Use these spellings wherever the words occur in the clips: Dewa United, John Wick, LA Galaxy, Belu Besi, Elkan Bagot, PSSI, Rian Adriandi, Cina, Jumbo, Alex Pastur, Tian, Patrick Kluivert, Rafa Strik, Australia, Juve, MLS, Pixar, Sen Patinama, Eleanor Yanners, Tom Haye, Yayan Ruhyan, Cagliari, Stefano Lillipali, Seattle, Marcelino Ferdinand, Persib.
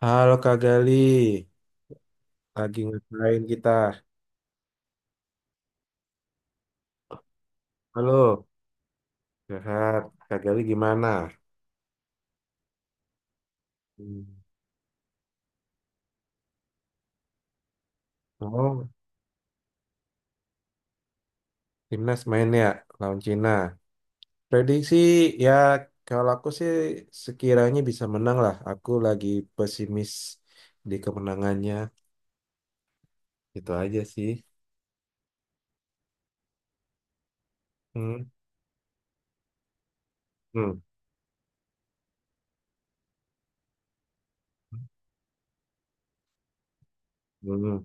Halo Kak Gali, lagi ngapain kita? Halo, sehat. Kak Gali gimana? Hmm. Oh, timnas main ya lawan Cina. Prediksi ya, kalau aku sih sekiranya bisa menang lah. Aku lagi pesimis di kemenangannya. Itu aja sih. Hmm. Hmm. Hmm.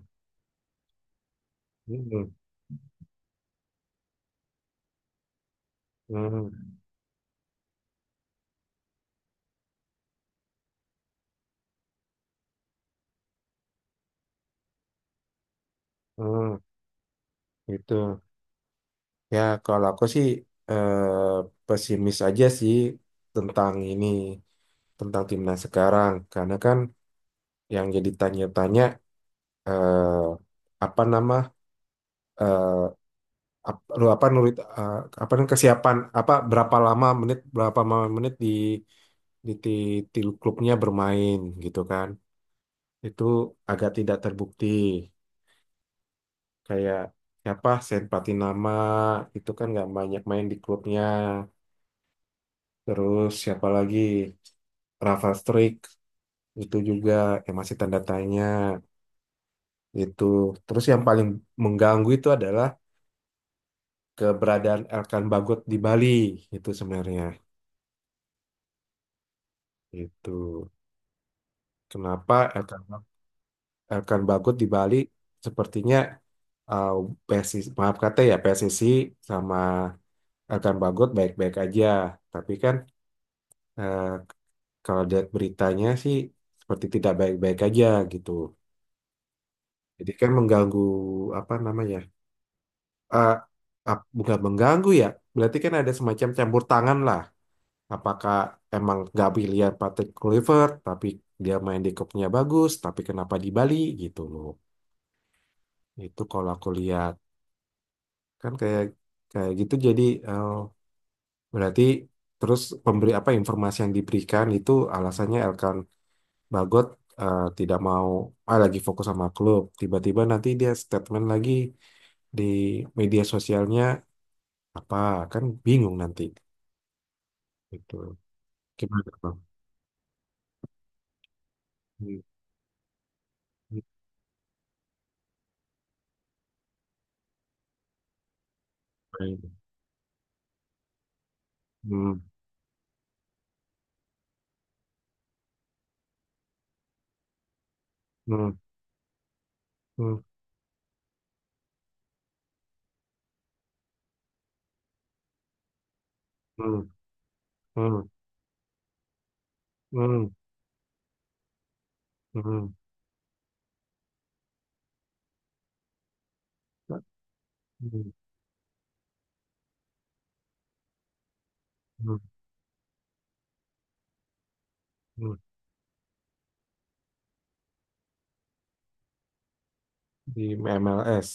Hmm. Hmm. Hmm. Itu. Ya, kalau aku sih pesimis aja sih tentang ini, tentang timnas sekarang. Karena kan yang jadi tanya-tanya eh, apa nama eh, lu apa nulit apa namanya, kesiapan apa berapa lama menit di ti ti- klubnya bermain gitu kan. Itu agak tidak terbukti. Kayak siapa Sen Patinama, itu kan nggak banyak main di klubnya. Terus siapa lagi? Rafa Strik itu juga yang masih tanda tanya itu. Terus yang paling mengganggu itu adalah keberadaan Elkan Bagot di Bali itu sebenarnya itu. Kenapa Elkan Elkan Bagot di Bali sepertinya, uh, PSSI, maaf kata ya, PSSI sama Elkan Bagot baik-baik aja, tapi kan eh, kalau lihat beritanya sih seperti tidak baik-baik aja gitu. Jadi kan mengganggu apa namanya? eh bukan mengganggu ya. Berarti kan ada semacam campur tangan lah. Apakah emang nggak pilihan Patrick Kluivert, tapi dia main di klubnya bagus, tapi kenapa di Bali gitu loh. Itu kalau aku lihat kan kayak kayak gitu, jadi eh, berarti terus pemberi apa informasi yang diberikan itu alasannya Elkan Bagot tidak mau, ah, lagi fokus sama klub. Tiba-tiba nanti dia statement lagi di media sosialnya apa, kan bingung nanti itu gimana bang. Hmm. Hmm. Baik. Hmm. Hmm. Hmm. Hmm. Hmm. Hmm. Hmm. Nah, Hmm. Hmm. Hmm. Di MLS,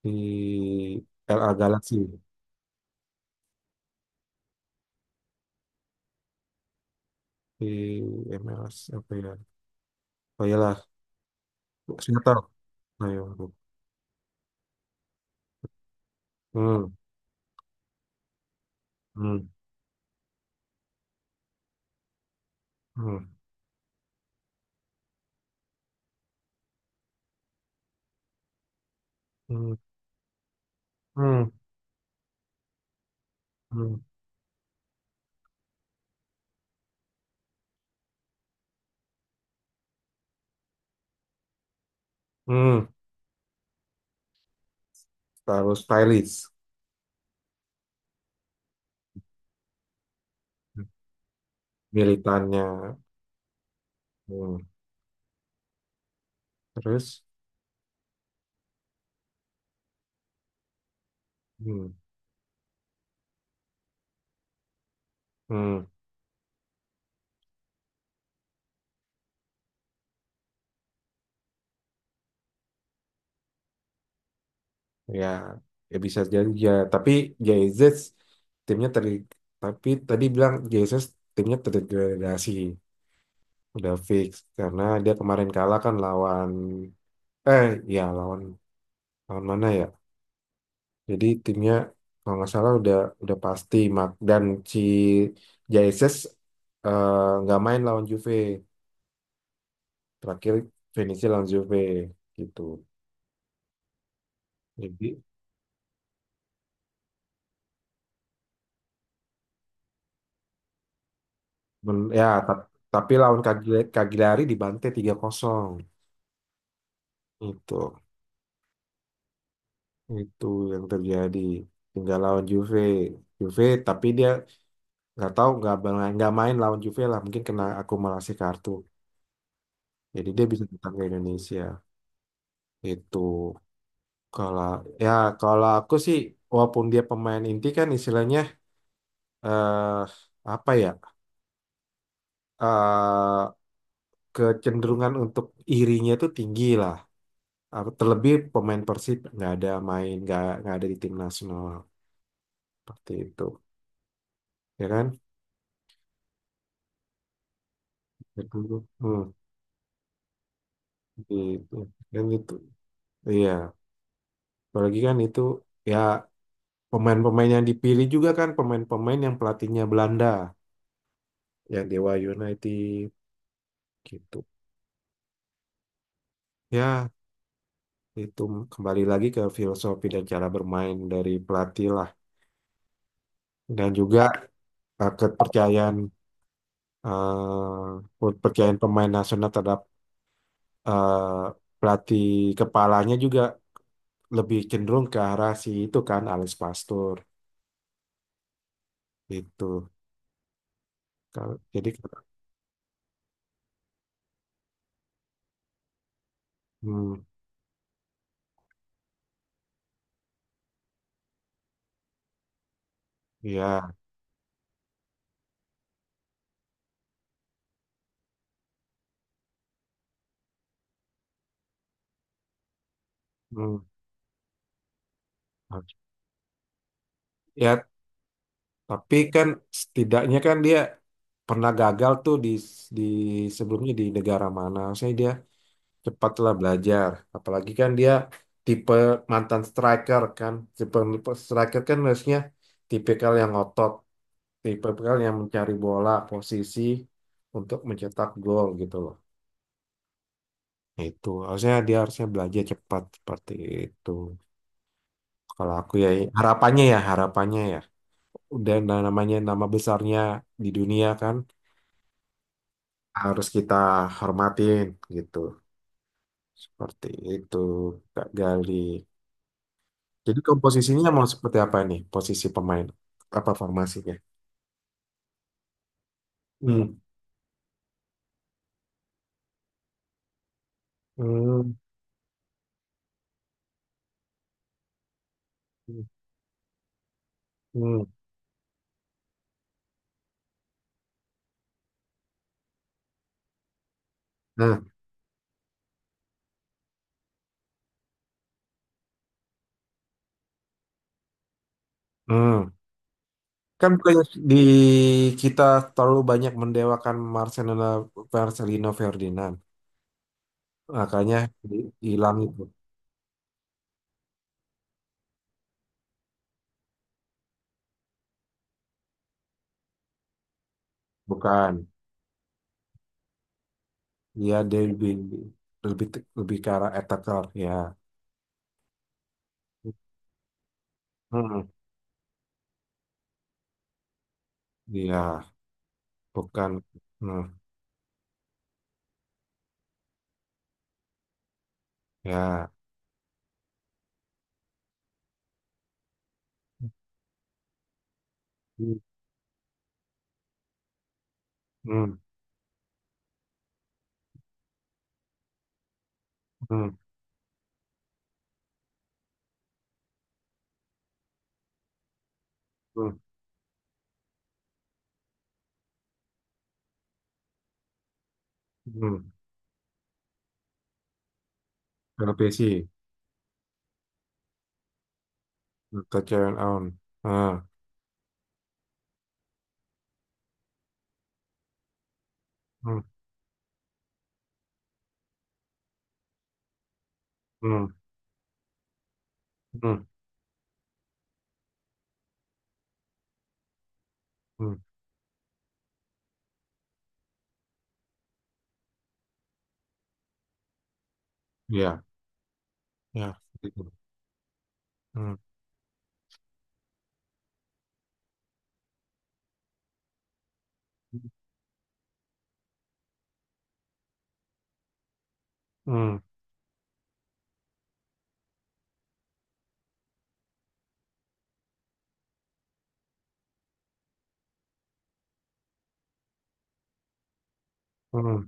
di LA Galaxy, di MLS apa ya, oh iyalah, Seattle, ayo. Hmm. Hmm. Hmm. Hmm. Hmm. Hmm. Hmm. Terus stylish militannya. Hmm. Terus. Hmm. Hmm. Ya, ya bisa jadi ya. Tapi JZ timnya ter tapi tadi bilang JZ timnya terdegradasi udah fix, karena dia kemarin kalah kan lawan eh ya, lawan, mana ya? Jadi timnya kalau nggak salah udah, pasti mak, dan si JZ eh, nggak main lawan Juve, terakhir finishnya lawan Juve gitu. Jadi ya, tapi lawan Cagliari Cagliari dibantai 3-0 itu. Itu yang terjadi. Tinggal lawan Juve. Juve, tapi dia nggak tahu, nggak main lawan Juve lah, mungkin kena akumulasi kartu. Jadi dia bisa datang ke Indonesia. Itu kalau, ya, kalau aku sih walaupun dia pemain inti kan istilahnya, eh apa ya, eh kecenderungan untuk irinya itu tinggi lah. Apa, terlebih pemain Persib nggak ada main, nggak ada di tim nasional seperti itu. Ya kan? Itu. Hmm. Gitu kan, itu iya, apalagi kan itu, ya, pemain-pemain yang dipilih juga kan pemain-pemain yang pelatihnya Belanda, yang Dewa United gitu ya. Itu kembali lagi ke filosofi dan cara bermain dari pelatih lah, dan juga eh, kepercayaan eh, kepercayaan pemain nasional terhadap pelatih kepalanya, juga lebih cenderung ke arah si itu kan, Alex Pastur itu. Jadi, hmm, ya. Ya, tapi kan setidaknya kan dia pernah gagal tuh di di sebelumnya, di negara mana. Saya, dia cepatlah belajar. Apalagi kan dia tipe mantan striker kan. Tipe striker kan harusnya tipikal yang ngotot, tipikal yang mencari bola posisi untuk mencetak gol gitu loh. Nah, itu harusnya dia harusnya belajar cepat seperti itu. Kalau aku ya, harapannya ya, harapannya ya. Dan namanya, nama besarnya di dunia kan, harus kita hormatin gitu. Seperti itu, Kak Gali. Jadi komposisinya mau seperti apa nih? Posisi pemain apa formasinya? Hmm. Hmm. Hmm. Nah, hmm. Kan bukannya di kita terlalu banyak mendewakan Marcelino, Ferdinand. Makanya hilang itu. Bukan. Dia dia lebih, lebih lebih ke arah attacker ya. Hmm. Iya, bukan. Hmm, ya. Hmm, hmm, hmm, hmm, hmm. LPC, kecewaan awan. Ah, hmm, hmm, hmm, hmm. Ya, ya, seperti itu. Hmm, hmm, hmm.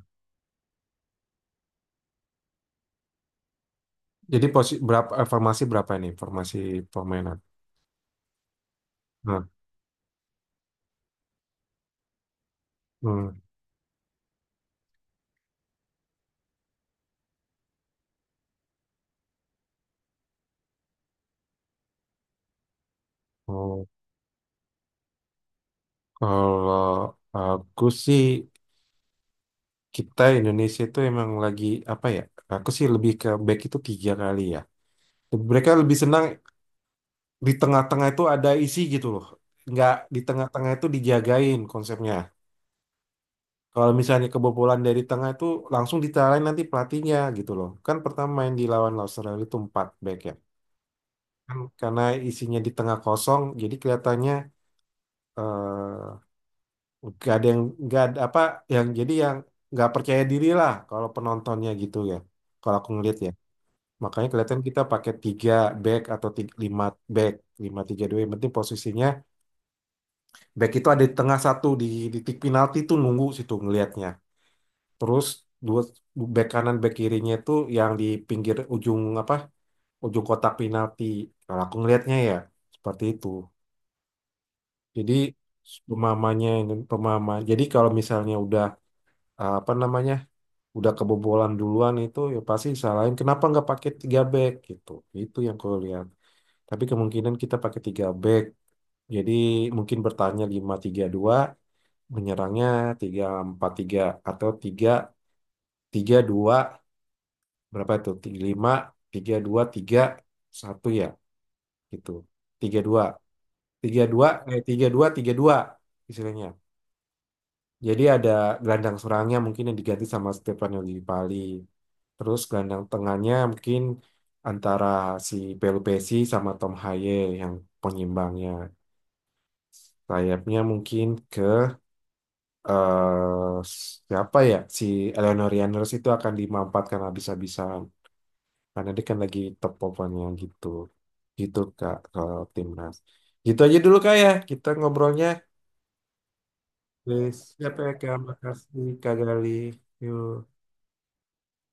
Jadi posisi berapa, formasi berapa ini? Formasi permainan. Nah, hmm. Oh, kalau aku sih kita Indonesia itu emang lagi apa ya? Aku sih lebih ke back itu tiga kali ya. Mereka lebih senang di tengah-tengah itu ada isi gitu loh. Nggak, di tengah-tengah itu dijagain konsepnya. Kalau misalnya kebobolan dari tengah itu, langsung ditarain nanti pelatihnya gitu loh. Kan pertama main di lawan Australia itu 4 back ya. Kan karena isinya di tengah kosong jadi kelihatannya eh, nggak ada yang, nggak ada apa yang jadi yang nggak percaya diri lah kalau penontonnya gitu ya. Kalau aku ngeliat ya. Makanya kelihatan kita pakai tiga back atau tiga, lima back, 5 3 2. Yang penting posisinya, back itu ada di tengah, satu di titik penalti tuh nunggu situ ngelihatnya. Terus dua back, kanan back kirinya itu yang di pinggir ujung apa, ujung kotak penalti. Kalau aku ngelihatnya ya seperti itu. Jadi pemahamannya, ini pemahaman. Jadi kalau misalnya udah apa namanya, udah kebobolan duluan itu ya pasti salahin kenapa nggak pakai tiga back gitu. Itu yang aku lihat. Tapi kemungkinan kita pakai tiga back. Jadi mungkin bertanya lima tiga dua, menyerangnya tiga empat tiga, atau tiga tiga dua, berapa itu? Lima tiga dua, tiga satu, ya gitu. Tiga dua, tiga dua, tiga dua, tiga dua istilahnya. Jadi ada gelandang serangnya mungkin yang diganti sama Stefano Lillipali. Terus gelandang tengahnya mungkin antara si Belu Besi sama Tom Haye yang penyimbangnya. Sayapnya mungkin ke, eh siapa ya, si Eleanor Yanners itu akan dimampatkan habis-habisan karena dia kan lagi top performanya gitu. Gitu kak, kalau timnas gitu aja dulu kak ya kita ngobrolnya. Please. Siapa ya kak, makasih kak Gali, yuk.